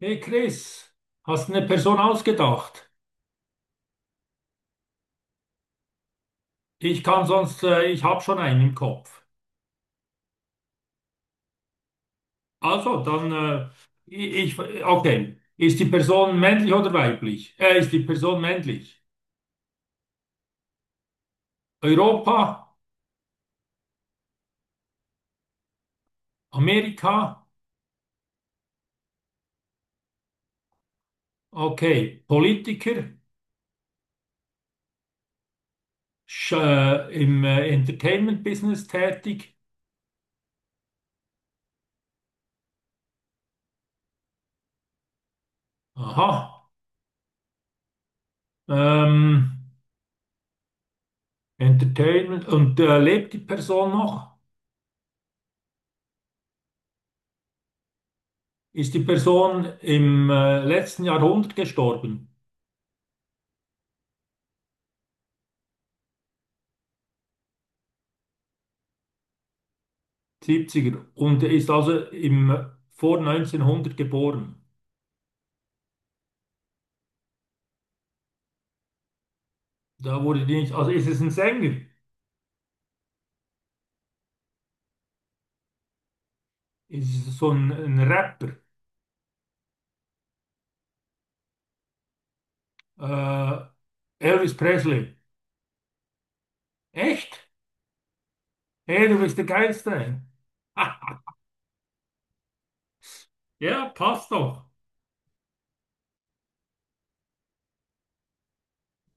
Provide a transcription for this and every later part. Hey Chris, hast eine Person ausgedacht? Ich kann sonst, ich habe schon einen im Kopf. Also, dann, okay. Ist die Person männlich oder weiblich? Ist die Person männlich? Europa, Amerika, okay. Politiker, im Entertainment-Business tätig. Aha. Ähm, Entertainment. Und lebt die Person noch? Ist die Person im letzten Jahrhundert gestorben? 70er. Und er ist also vor 1900 geboren. Da wurde die nicht, also ist es ein Sänger? Ist es so ein Rapper? Äh, Elvis Presley. Echt? Hey, du bist der Geilste. Ja, passt doch.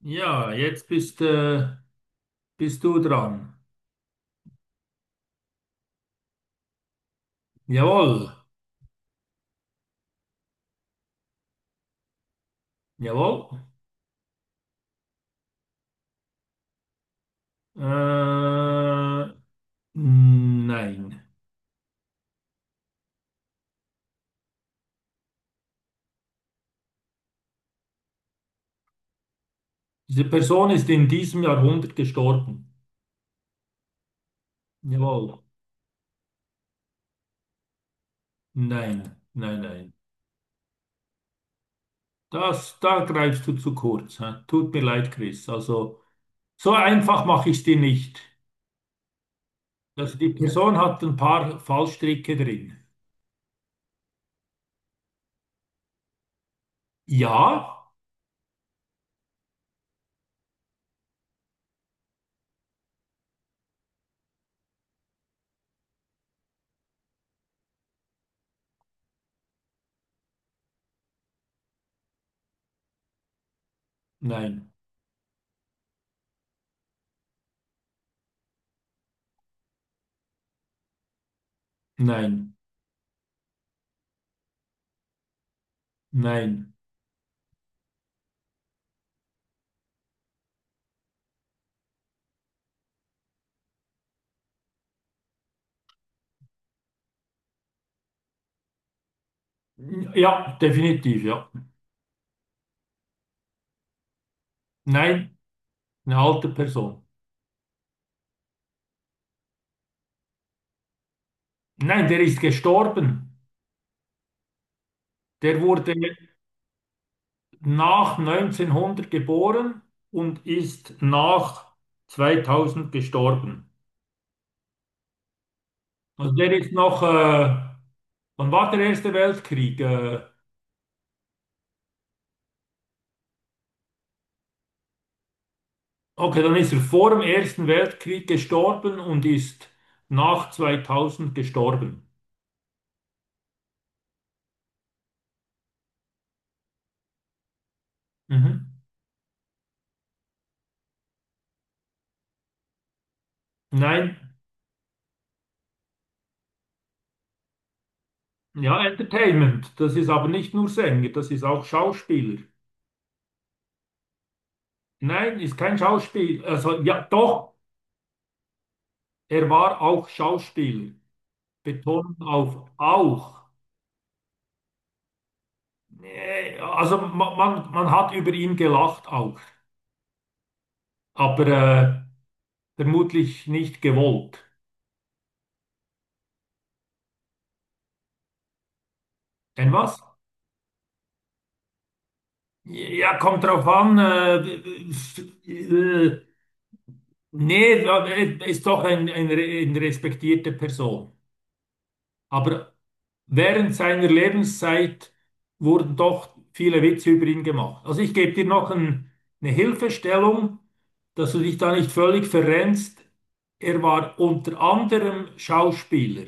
Ja, jetzt bist du dran. Jawohl. Jawohl. Äh, nein. Diese Person ist in diesem Jahrhundert gestorben. Jawohl. Nein, nein, nein. Da greifst du zu kurz. Hä? Tut mir leid, Chris. Also, so einfach mache ich es dir nicht. Also, die, ja, Person hat ein paar Fallstricke drin. Ja, nein, nein, nein. Ja, definitiv, ja. Nein, eine alte Person. Nein, der ist gestorben. Der wurde nach 1900 geboren und ist nach 2000 gestorben. Also, der ist noch, wann war der Erste Weltkrieg? Okay, dann ist er vor dem Ersten Weltkrieg gestorben und ist nach 2000 gestorben. Mhm. Nein, ja, Entertainment. Das ist aber nicht nur Sänger, das ist auch Schauspieler. Nein, ist kein Schauspieler. Also, ja, doch, er war auch Schauspieler. Betonung auf auch. Nee, also, man hat über ihn gelacht auch, aber vermutlich nicht gewollt. Ein was? Ja, kommt drauf an. Äh, nee, ja, ist doch eine respektierte Person. Aber während seiner Lebenszeit wurden doch viele Witze über ihn gemacht. Also ich gebe dir noch eine Hilfestellung, dass du dich da nicht völlig verrennst. Er war unter anderem Schauspieler.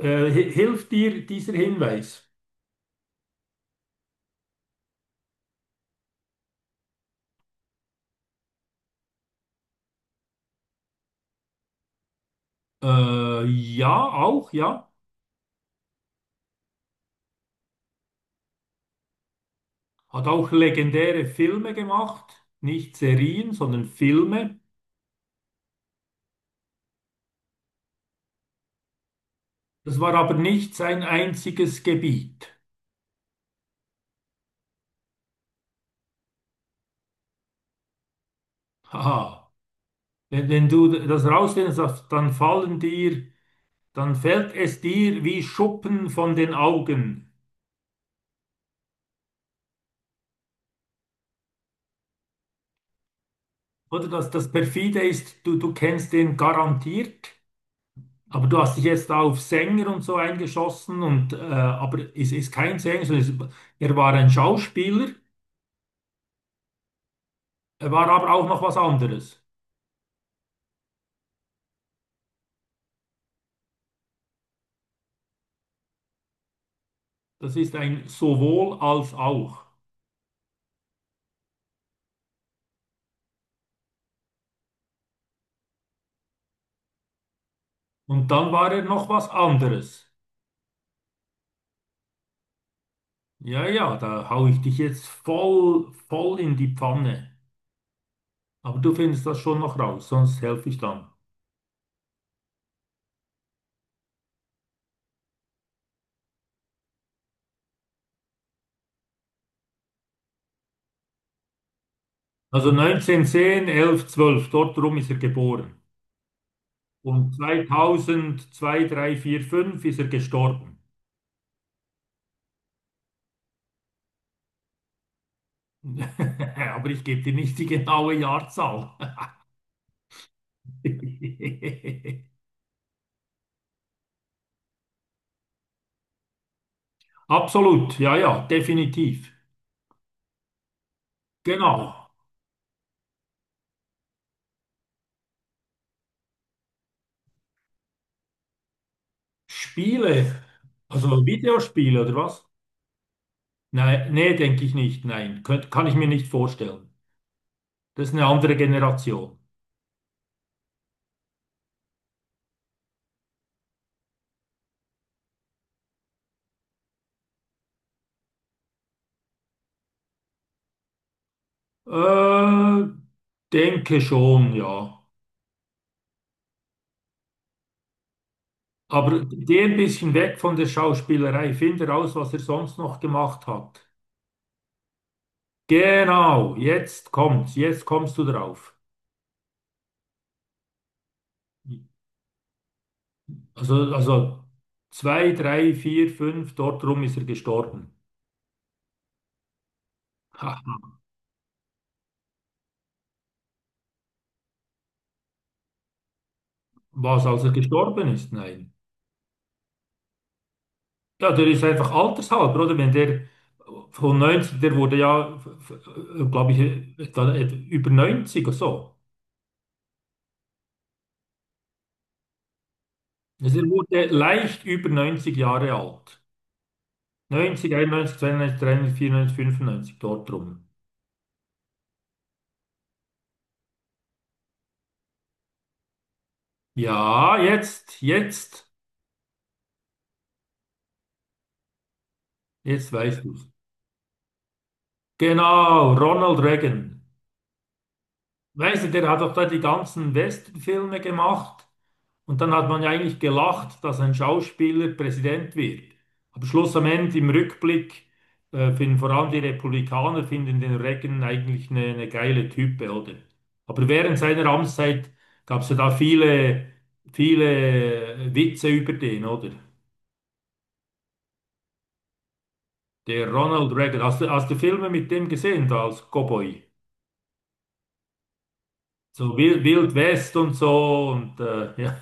Hilft dir dieser Hinweis? Ja, auch, ja. Hat auch legendäre Filme gemacht, nicht Serien, sondern Filme. Das war aber nicht sein einziges Gebiet. Haha. Wenn du das rausfindest, dann fällt es dir wie Schuppen von den Augen. Oder dass das perfide ist, du kennst den garantiert, aber du hast dich jetzt auf Sänger und so eingeschossen und aber es ist kein Sänger, sondern er war ein Schauspieler, er war aber auch noch was anderes. Das ist ein sowohl als auch. Und dann war er noch was anderes. Ja, ja, da hau ich dich jetzt voll, voll in die Pfanne. Aber du findest das schon noch raus, sonst helfe ich dann. Also 1910, 11, 12, dort rum ist er geboren. Und 2000, 2, 3, 4, 5 ist er gestorben. Aber ich gebe dir nicht die genaue Jahrzahl. Absolut, ja, ja, definitiv. Genau. Spiele, also Videospiele oder was? Nein, nee, denke ich nicht. Nein, kann ich mir nicht vorstellen. Das ist eine andere Generation. Äh, denke schon, ja. Aber geh ein bisschen weg von der Schauspielerei. Finde raus, was er sonst noch gemacht hat. Genau, jetzt kommt's. Jetzt kommst du drauf. Also zwei, drei, vier, fünf, dort rum ist er gestorben. Haha. Was, als er gestorben ist? Nein. Ja, der ist einfach altershalber, oder? Wenn der von 90 der wurde ja, glaube ich, da über 90 oder so. Also er wurde leicht über 90 Jahre alt. 90, 91, 92, 93, 94, 95, dort rum. Ja, jetzt weißt du. Genau, Ronald Reagan. Weißt du, der hat doch da die ganzen Westernfilme gemacht. Und dann hat man ja eigentlich gelacht, dass ein Schauspieler Präsident wird. Aber Schluss am Ende im Rückblick finden vor allem die Republikaner finden den Reagan eigentlich eine geile Type, oder? Aber während seiner Amtszeit gab es ja da viele, viele Witze über den, oder? Der Ronald Reagan. Hast du Filme mit dem gesehen, da als Cowboy? So Wild, Wild West und so und ja.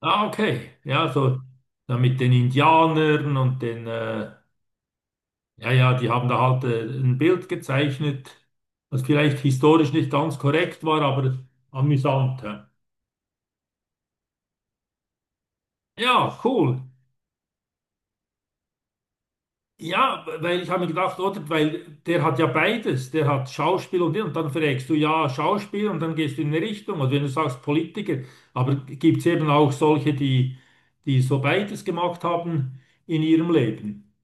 Ah, okay. Ja, so dann mit den Indianern und den ja, ja, die haben da halt ein Bild gezeichnet, was vielleicht historisch nicht ganz korrekt war, aber amüsant. Ja, ja, cool. Ja, weil ich habe mir gedacht, oder, weil der hat ja beides. Der hat Schauspiel und dann fragst du ja Schauspiel und dann gehst du in eine Richtung. Und wenn du sagst Politiker, aber gibt es eben auch solche, die so beides gemacht haben in ihrem Leben.